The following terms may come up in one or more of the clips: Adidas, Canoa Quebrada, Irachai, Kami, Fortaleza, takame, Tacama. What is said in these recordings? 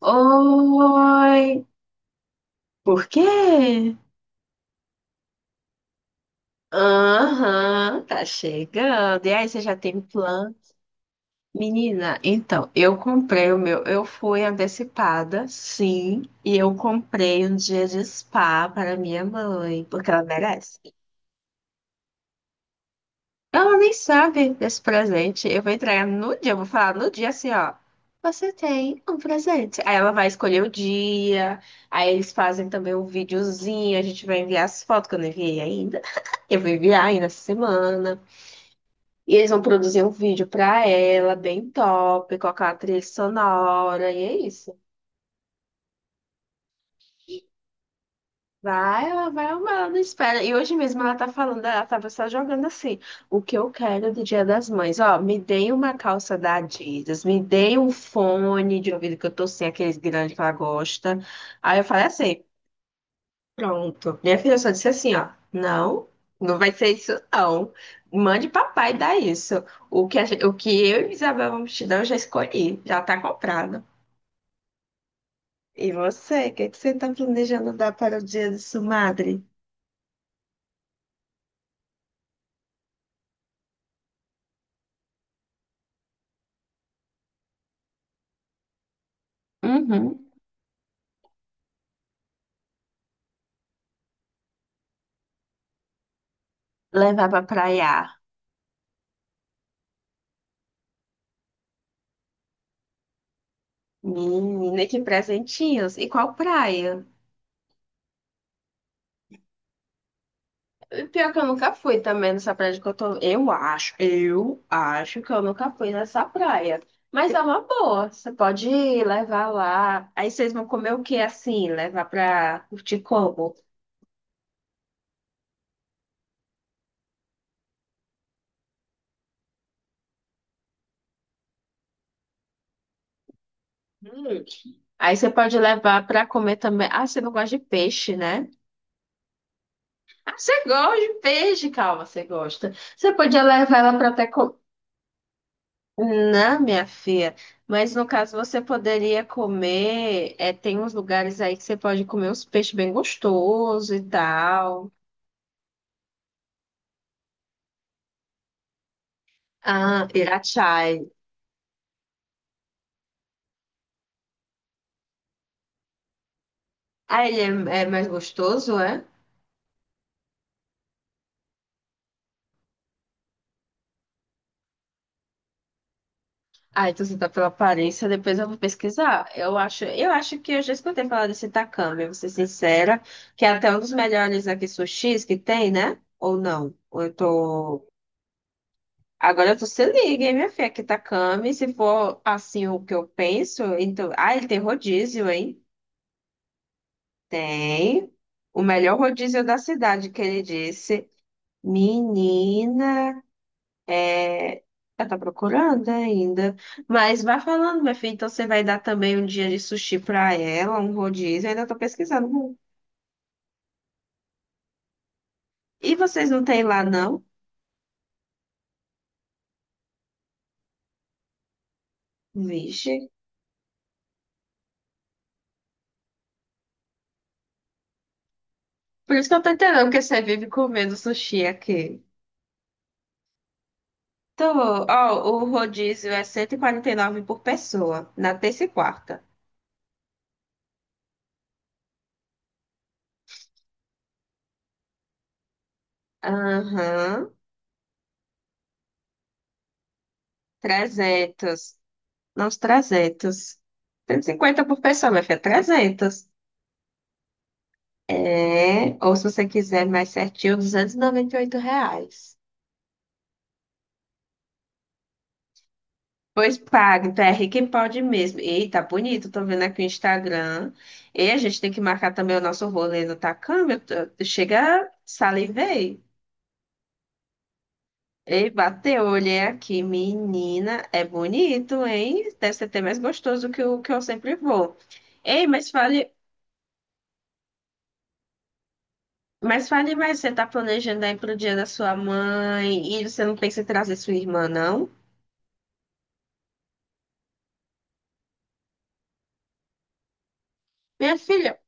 Oi, por quê? Aham, tá chegando. E aí, você já tem plano? Menina, então, eu comprei o meu. Eu fui antecipada, sim, e eu comprei um dia de spa para minha mãe, porque ela merece. Ela nem sabe desse presente. Eu vou entregar no dia, eu vou falar no dia assim, ó. Você tem um presente. Aí ela vai escolher o dia. Aí eles fazem também um videozinho. A gente vai enviar as fotos que eu não enviei ainda. Eu vou enviar ainda essa semana. E eles vão produzir um vídeo pra ela, bem top, colocar a trilha sonora. E é isso. Vai, ela vai amar, ela não espera. E hoje mesmo ela tá falando, ela tava só jogando assim. O que eu quero do Dia das Mães? Ó, me deem uma calça da Adidas, me deem um fone de ouvido que eu tô sem, aqueles grandes que ela gosta. Aí eu falei assim, pronto. Minha filha só disse assim, ó, não, não vai ser isso não. Mande papai dar isso. O que eu e Isabel vamos te dar, eu já escolhi, já tá comprado. E você, o que, que você tá planejando dar para o Dia de sua madre? Uhum. Levar pra praia. Menina, que presentinhos. E qual praia? Pior que eu nunca fui também nessa praia que eu tô. Eu acho que eu nunca fui nessa praia. Mas é uma boa. Você pode ir levar lá. Aí vocês vão comer o que assim? Levar pra curtir como? Hum. Aí você pode levar pra comer também. Ah, você não gosta de peixe, né? Ah, você gosta de peixe, calma, você gosta. Você podia levar ela pra até comer. Não, minha filha, mas no caso você poderia comer, é, tem uns lugares aí que você pode comer uns peixes bem gostosos e tal. Ah, Irachai. Ah, ele é mais gostoso, é? Ah, então você tá pela aparência, depois eu vou pesquisar. Eu acho que eu já escutei falar desse takame, eu vou ser sincera, que é até um dos melhores aqui sushis que tem, né? Ou não? Ou eu tô. Agora tu se liga, hein, minha filha, aqui tá Kami. Se for assim o que eu penso, então. Ah, ele tem rodízio, hein? Tem. O melhor rodízio da cidade, que ele disse. Menina, é, eu tá procurando ainda. Mas vai falando, minha filha. Então você vai dar também um dia de sushi pra ela, um rodízio. Eu ainda tô pesquisando. E vocês não têm lá, não? Vixe. Por isso que eu tô entendendo que você vive comendo sushi aqui. Tô, ó, o rodízio é cento e quarenta e nove por pessoa, na terça e quarta. Aham, 300. Não, os 300. 150 por pessoa, minha filha, 300. É, ou se você quiser mais certinho, R$ 298. Pois paga, então é rico em pode mesmo. Eita, bonito, tô vendo aqui o Instagram. E a gente tem que marcar também o nosso rolê no Tacama. Chega, salivei. Ei, bateu, olhei aqui, menina, é bonito, hein? Deve ser até mais gostoso que o que eu sempre vou. Ei, mas fale mais, você tá planejando aí pro dia da sua mãe e você não pensa em trazer sua irmã, não? Minha filha,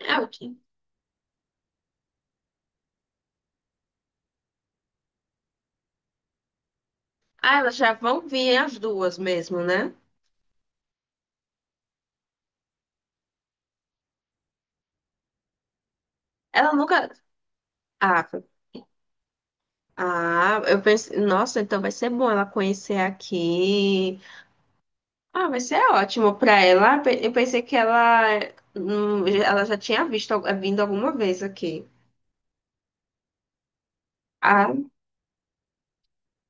é o quê? Ah, elas já vão vir as duas mesmo, né? Ela nunca. Ah, ah, eu pensei, nossa, então vai ser bom ela conhecer aqui. Ah, vai ser ótimo para ela. Eu pensei que ela já tinha visto, vindo alguma vez aqui. Ah,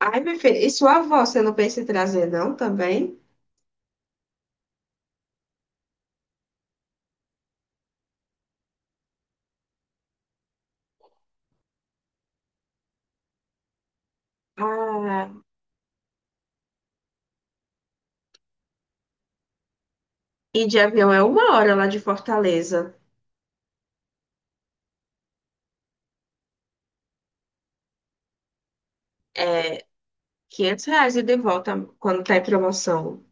ai, meu filho, e sua avó, você não pensa em trazer, não, também? Ah, e de avião é uma hora lá de Fortaleza. É R$ 500 e de volta quando tá em promoção.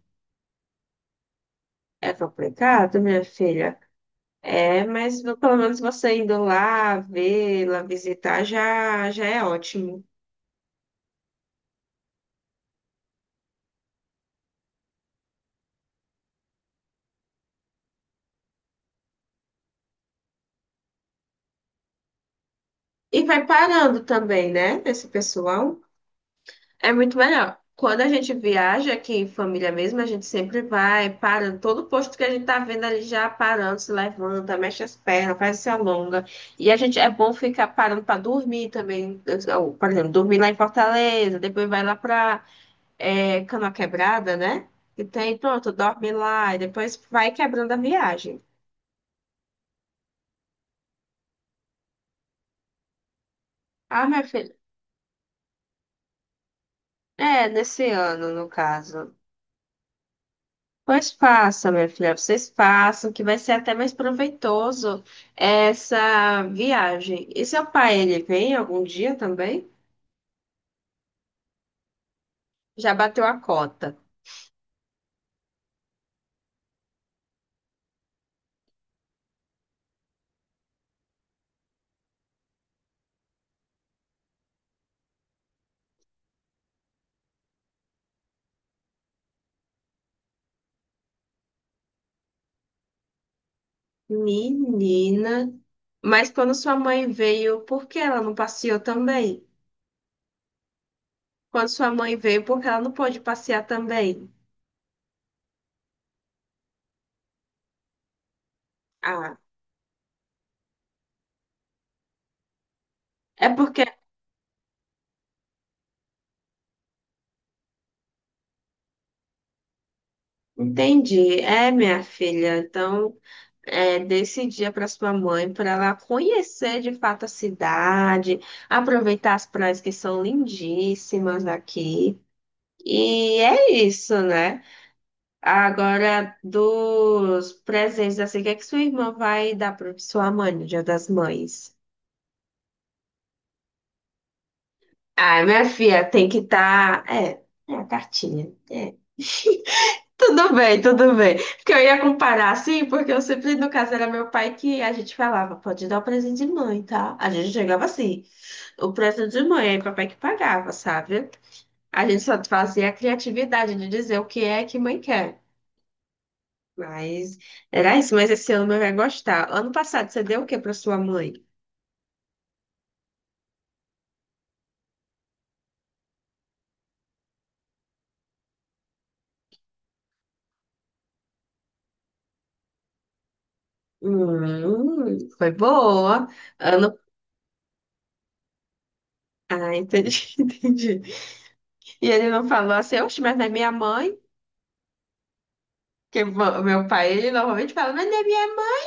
É complicado, minha filha. É, mas pelo menos você indo lá, vê-la, visitar, já, já é ótimo. E vai parando também, né, esse pessoal? É muito melhor. Quando a gente viaja aqui em família mesmo, a gente sempre vai parando. Todo posto que a gente tá vendo ali já parando, se levanta, mexe as pernas, faz se alonga. E a gente é bom ficar parando para dormir também. Por exemplo, dormir lá em Fortaleza, depois vai lá para é, Canoa Quebrada, né? E tem, pronto, dorme lá e depois vai quebrando a viagem. Ah, minha filha. É, nesse ano, no caso. Pois faça, minha filha, vocês façam, que vai ser até mais proveitoso essa viagem. E seu pai, ele vem algum dia também? Já bateu a cota. Menina, mas quando sua mãe veio, por que ela não passeou também? Quando sua mãe veio, por que ela não pôde passear também? Ah, é porque, entendi, é minha filha, então. É, desse dia para sua mãe, para ela conhecer de fato a cidade, aproveitar as praias que são lindíssimas aqui. E é isso, né? Agora, dos presentes, assim, o que é que sua irmã vai dar para sua mãe no Dia das Mães? Ai, minha filha, tem que estar. É, é a cartinha. É. Tudo bem, tudo bem. Porque eu ia comparar assim, porque eu sempre, no caso, era meu pai que a gente falava, pode dar o presente de mãe, tá? A gente chegava assim. O preço de mãe, aí papai que pagava, sabe? A gente só fazia a criatividade de dizer o que é que mãe quer. Mas era isso, mas esse ano mãe vai gostar. Ano passado você deu o que para sua mãe? Foi boa. Ano... Ah, entendi, entendi. E ele não falou assim, oxe, mas não é minha mãe? Porque o meu pai, ele normalmente fala, mas não é minha mãe.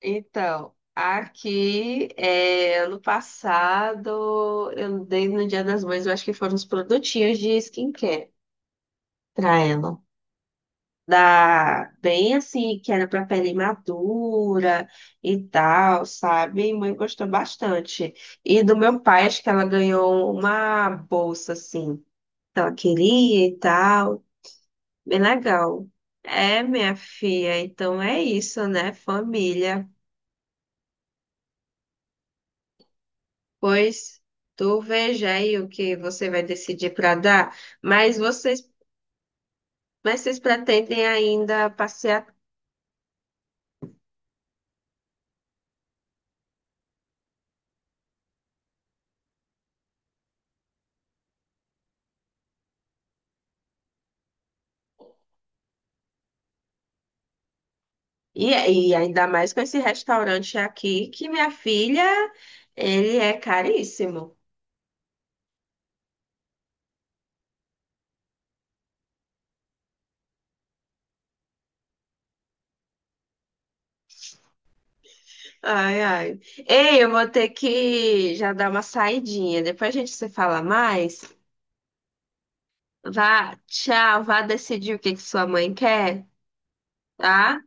Então, aqui, é, ano passado, eu dei no Dia das Mães, eu acho que foram uns produtinhos de skincare pra ela, da bem assim, que era para pele madura e tal, sabe? Minha mãe gostou bastante. E do meu pai, acho que ela ganhou uma bolsa assim, que ela queria e tal, bem legal. É, minha filha, então é isso, né, família? Pois tu veja aí o que você vai decidir para dar, mas mas vocês pretendem ainda passear. E, e ainda mais com esse restaurante aqui, que minha filha, ele é caríssimo. Ai, ai. Ei, eu vou ter que já dar uma saidinha. Depois a gente se fala mais. Vá, tchau, vá decidir o que que sua mãe quer, tá?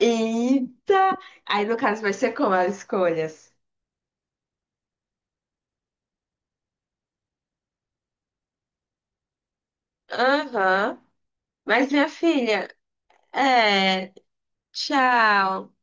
Eita! Aí no caso vai ser como as escolhas? Aham. Mas minha filha, é, tchau.